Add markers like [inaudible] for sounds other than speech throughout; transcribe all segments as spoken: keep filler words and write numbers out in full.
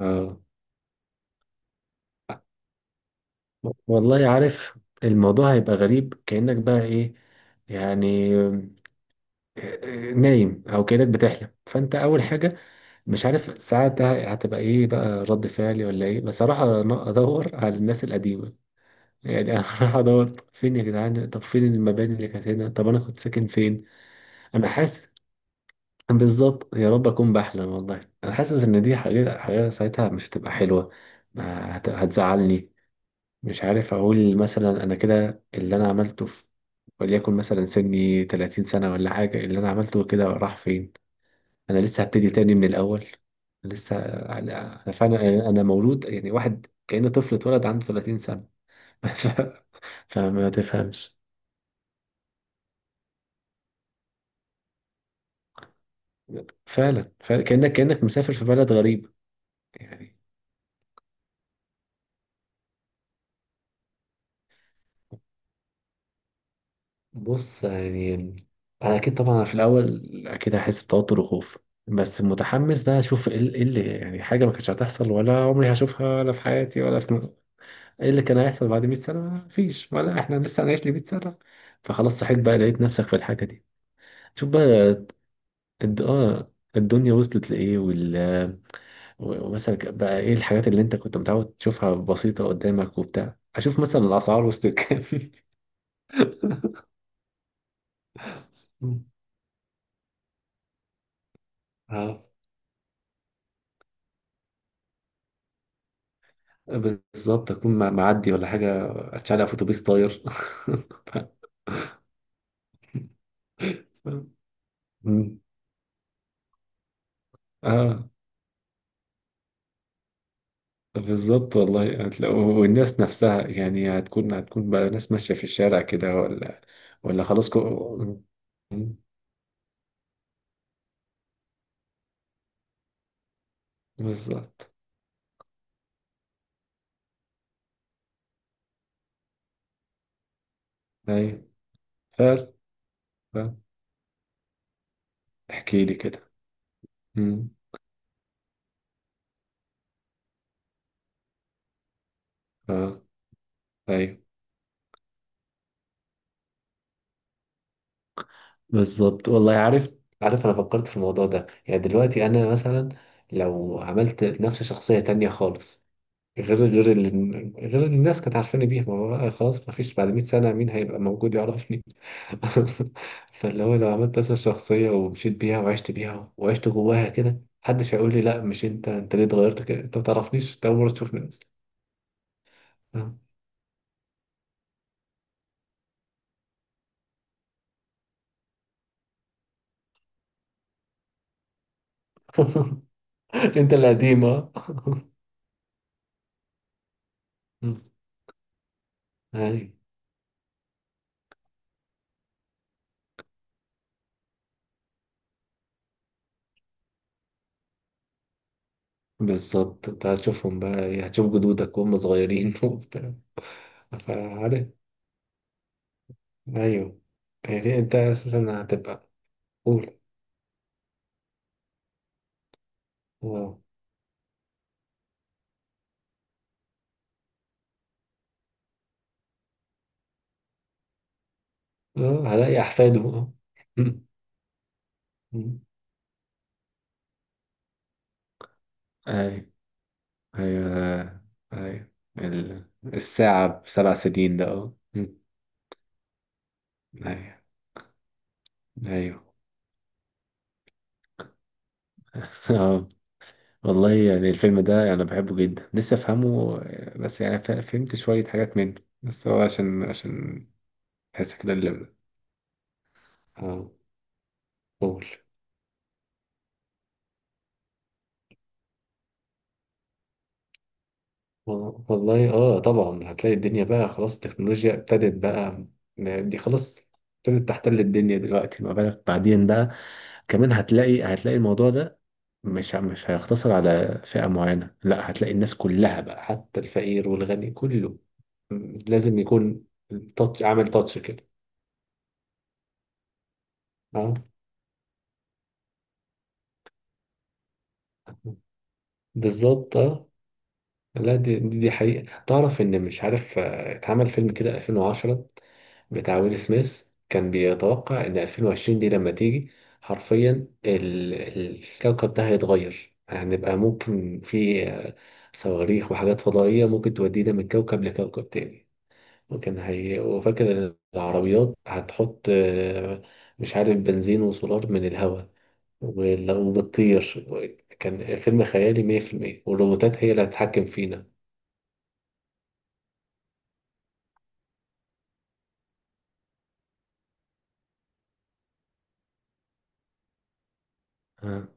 اه، والله عارف. الموضوع هيبقى غريب، كأنك بقى ايه يعني، آه، آه، نايم او كأنك بتحلم. فانت اول حاجة مش عارف ساعتها هتبقى ايه بقى رد فعلي ولا ايه، بس هروح أن- ادور على الناس القديمة، يعني. [laughs] هروح ادور فين يا جدعان؟ طب فين المباني اللي كانت هنا؟ طب انا كنت ساكن فين؟ انا حاسس بالظبط، يا رب اكون بحلم. والله انا حاسس ان دي حاجة حاجة ساعتها مش هتبقى حلوة. آه، هت- هتزعلني. مش عارف اقول، مثلا انا كده اللي انا عملته في، وليكن مثلا سني 30 سنة ولا حاجة، اللي انا عملته كده راح فين؟ انا لسه هبتدي تاني من الاول. لسه انا أنا فعلا، انا مولود، يعني واحد كأنه طفل اتولد عنده 30 سنة. [laughs] ف- فما تفهمش. فعلا، فعلا كأنك كأنك مسافر في بلد غريب، يعني. بص، يعني انا اكيد طبعا في الاول اكيد هحس بتوتر وخوف، بس متحمس بقى اشوف ايه ال- إيه اللي، يعني حاجه ما كانتش هتحصل ولا عمري هشوفها ولا في حياتي ولا في، ايه اللي كان هيحصل بعد ميت سنة سنه؟ مفيش، ولا احنا لسه هنعيش ل مية سنة سنه؟ فخلاص صحيت بقى، لقيت نفسك في الحاجه دي. شوف بقى الد... اه الدنيا وصلت لايه، وال... و- ومثلا ك- بقى ايه الحاجات اللي انت كنت متعود تشوفها بسيطه قدامك وبتاع. اشوف مثلا الاسعار وصلت كام. [laughs] اه، بالظبط اكون مع- معدي ولا حاجه، اتشعلق في اتوبيس طاير. [laughs] مم. اه بالظبط، والله هتلاقوا، والناس نفسها يعني هتكون هتكون بقى ناس ماشيه في الشارع كده ولا ولا خلاص كو... مم. بالظبط. ايوه، فعلا. فعلا. احكي لي كده. مم. اه، ايوه، بالظبط. والله عارف عارف، انا فكرت في الموضوع ده، يعني دلوقتي انا مثلا لو عملت نفس شخصيه تانية خالص، غير غير ال... غير إن الناس كانت عارفاني بيها. ما هو بقى خلاص، ما فيش، بعد 100 سنة مين هيبقى موجود يعرفني؟ [laughs] فاللي هو لو عملت مثلا شخصية ومشيت بيها وعشت بيها وعشت جواها كده، محدش هيقول لي لا، مش انت، انت ليه اتغيرت كده؟ انت ما تعرفنيش، انت اول مرة تشوفني اصلا. [laughs] انت القديم، اه. [laughs] اي، بالظبط. انت هتشوفهم بقى ايه، هتشوف جدودك وهم صغيرين [laughs] وبتاع. فعارف، ايوه، يعني انت اساسا هتبقى، قول. اه، هلاقي احفاده، اه. [laughs] مم. أيوة، أيوة، أيوة. ال- الساعة بسبع سنين ده، أه. [laughs] مم. أيوة، أيوة. [laughs] أه، والله يعني الفيلم ده أنا بحبه جدا، لسه أفهمه، آه، بس يعني ف- فهمت شوية حاجات منه بس، هو عشان عشان تحس كده اللي، اه، قول. وال- والله اه، طبعا هتلاقي الدنيا بقى خلاص، التكنولوجيا ابتدت بقى، دي خلاص ابتدت تحتل الدنيا دلوقتي، ما بالك بعدين بقى. كمان هتلاقي هتلاقي الموضوع ده مش ه- مش هيقتصر على فئة معينة، لا، هتلاقي الناس كلها بقى، حتى الفقير والغني كله م- لازم يكون تاتش، عامل تاتش كده. اه، بالظبط، اه. لا، دي دي دي حقيقة. تعرف ان مش عارف، آه، اتعمل فيلم كده ألفين وعشرة بتاع ويل سميث، كان بيتوقع إن ألفين وعشرين دي لما تيجي، حرفيا ال- ال- الكوكب ده هيتغير. هنبقى ممكن في، آه، صواريخ وحاجات فضائية ممكن تودينا من كوكب لكوكب تاني. وكان هي وفاكر إن العربيات هتحط، آه، مش عارف، بنزين وسولار من الهواء، ولو بتطير. كان فيلم خيالي مية في المية، والروبوتات هي اللي هتتحكم فينا. آه.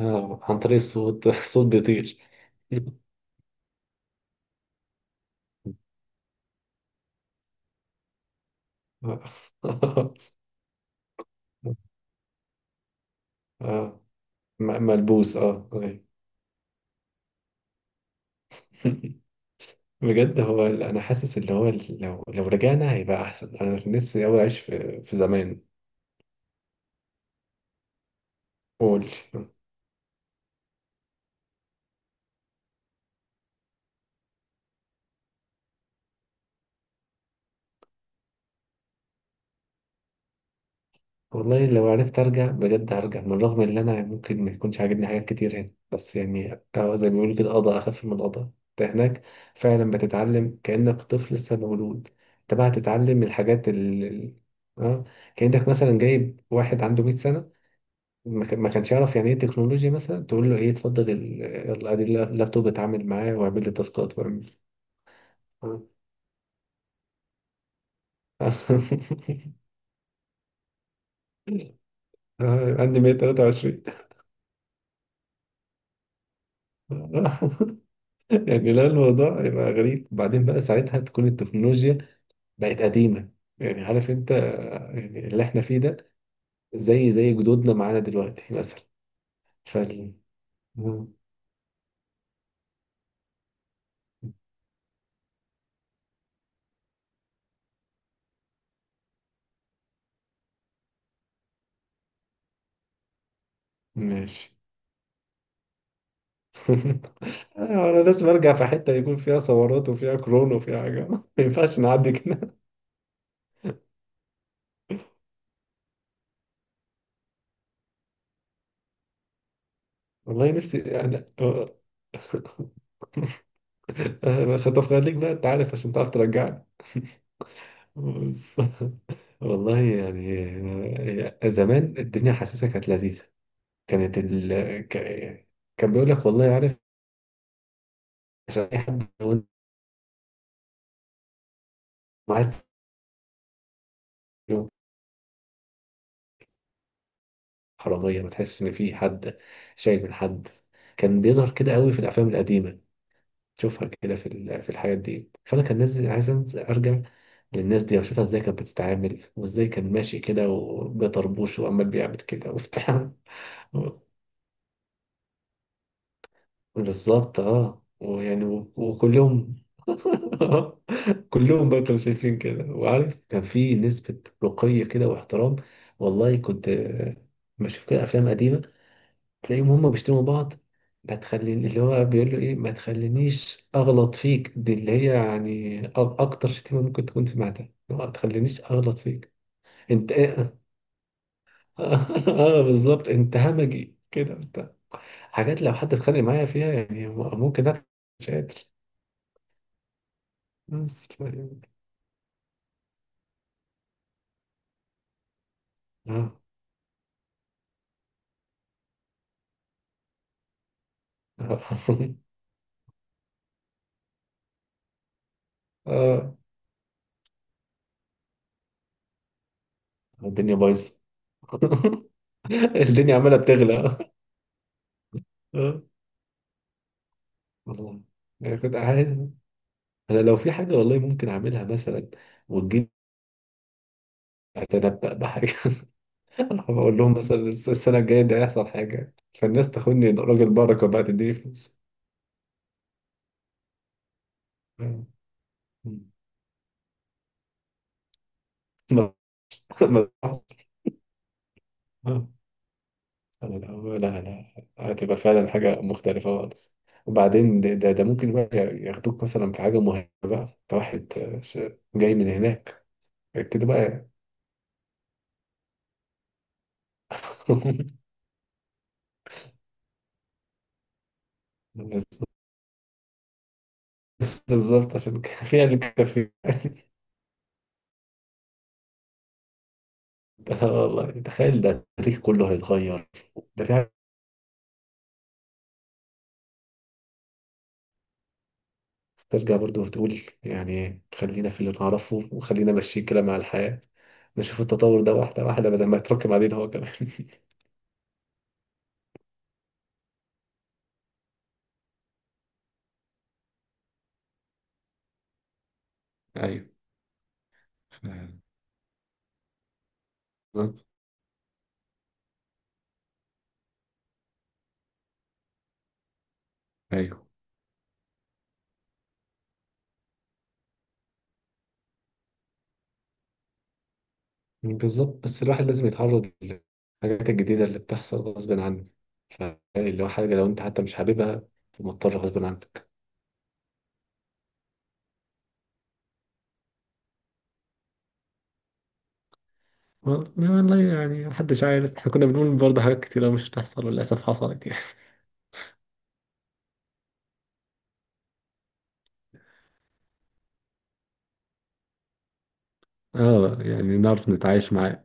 آه، عن طريق الصوت. [laughs] الصوت بيطير. [laughs] آه. [laughs] اه، م- ملبوس، اه، أوكي. [laughs] بجد، هو ال- انا حاسس اللي هو، ال- لو لو رجعنا هيبقى احسن. انا نفسي اوي اعيش في في زمان. قول. والله لو عرفت ارجع، بجد هرجع، من رغم ان انا ممكن ما يكونش عاجبني حاجات كتير هنا، بس يعني، آه، زي ما بيقولوا كده، قضاء اخف من القضاء انت هناك. فعلا، بتتعلم كانك طفل لسه مولود. انت بقى هتتعلم الحاجات ال ال- اه كانك مثلا جايب واحد عنده مية سنة سنه، ما كان- ما كانش يعرف يعني ايه تكنولوجيا، مثلا تقول له ايه، اتفضل ال- يلا ادي اللاب- اللابتوب، اتعامل معاه واعمل لي تاسكات، واعمل. [laughs] آه، عندي مية وتلاتة وعشرين. [laughs] يعني لا، الموضوع يبقى غريب. وبعدين بقى ساعتها تكون التكنولوجيا بقت قديمة، يعني عارف انت، آه، يعني اللي احنا فيه ده، زي زي جدودنا معانا دلوقتي مثلا فال مم. ماشي. [laughs] انا لازم ارجع في حتة يكون فيها ثورات وفيها كورونا وفيها حاجة ما ينفعش، نعدي. والله نفسي، يعني أنا. [laughs] خطف خليك بقى أنت عارف، عشان تعرف ترجعني بس. [laughs] والله يعني، آه، زمان الدنيا حاسسها كانت لذيذة، كانت ال... ك... كان بيقول لك، والله عارف، عشان أي حد لو أنت عايز، حرامية، ما تحسش إن في حد شايل من حد. كان بيظهر كده قوي في الأفلام القديمة، تشوفها كده في ال- في الحاجات دي. فانا كان نازل عايز أنزل ارجع للناس دي واشوفها ازاي كانت بتتعامل، وازاي كان ماشي كده، وبيطربوش، وعمال بيعمل كده وبتاع. [laughs] بالظبط، اه، ويعني و- وكلهم، [laughs] كلهم برضه شايفين كده. وعارف، كان في نسبة رقي كده واحترام. والله كنت، آه، بشوف كده افلام قديمة، تلاقيهم هما بيشتموا بعض، ما تخليني، اللي هو بيقول له ايه، ما تخلينيش اغلط فيك. دي اللي هي يعني أ- اكتر شتيمه ممكن تكون سمعتها، اللي هو ما تخلينيش اغلط فيك. انت ايه؟ [laughs] اه، بالظبط، انت همجي كده انت. حاجات لو حد اتخانق معايا فيها يعني ممكن انا مش قادر بس ف- اه اه [laughs] آه. الدنيا بايظه. [laughs] الدنيا عماله بتغلى. اه، والله يعني كنت عايز، انا لو في حاجه والله ممكن اعملها مثلا، وتجيب، هتنبأ بحاجة. [laughs] أنا بقول لهم مثلا السنة الجاية دي هيحصل حاجة، فالناس تاخدني راجل بركة بقى، تديني فلوس. [laughs] ما ما ما- أنا. [laughs] لا، لا، لا، لا، هتبقى فعلا حاجة مختلفة خالص. وبعدين ده ده ده ممكن بقى ياخدوك مثلا في حاجة مهمة بقى، أنت واحد آه، ش- جاي من هناك، ابتدي بقى. [laughs] بالظبط، عشان كان فيها اللي كان فيها. [laughs] آه، والله تخيل، ده التاريخ كله هيتغير. ده في بس ترجع برضه وتقول يعني خلينا في اللي نعرفه، وخلينا ماشيين كده مع الحياة، نشوف التطور ده واحدة واحدة بدل ما يتراكم علينا هو كمان. [laughs] ايوه. ف- بالظبط. ايوه، بالظبط. بس الواحد لازم يتعرض للحاجات الجديدة اللي بتحصل غصب عنه. فاللي هو، حاجة لو أنت حتى مش حاببها، فمضطر غصب عنك. وال- والله يعني محدش عارف، احنا كنا بنقول برضه حاجات كتيرة مش هتحصل، وللأسف حصلت، يعني. [laughs] اه، يعني نعرف نتعايش مع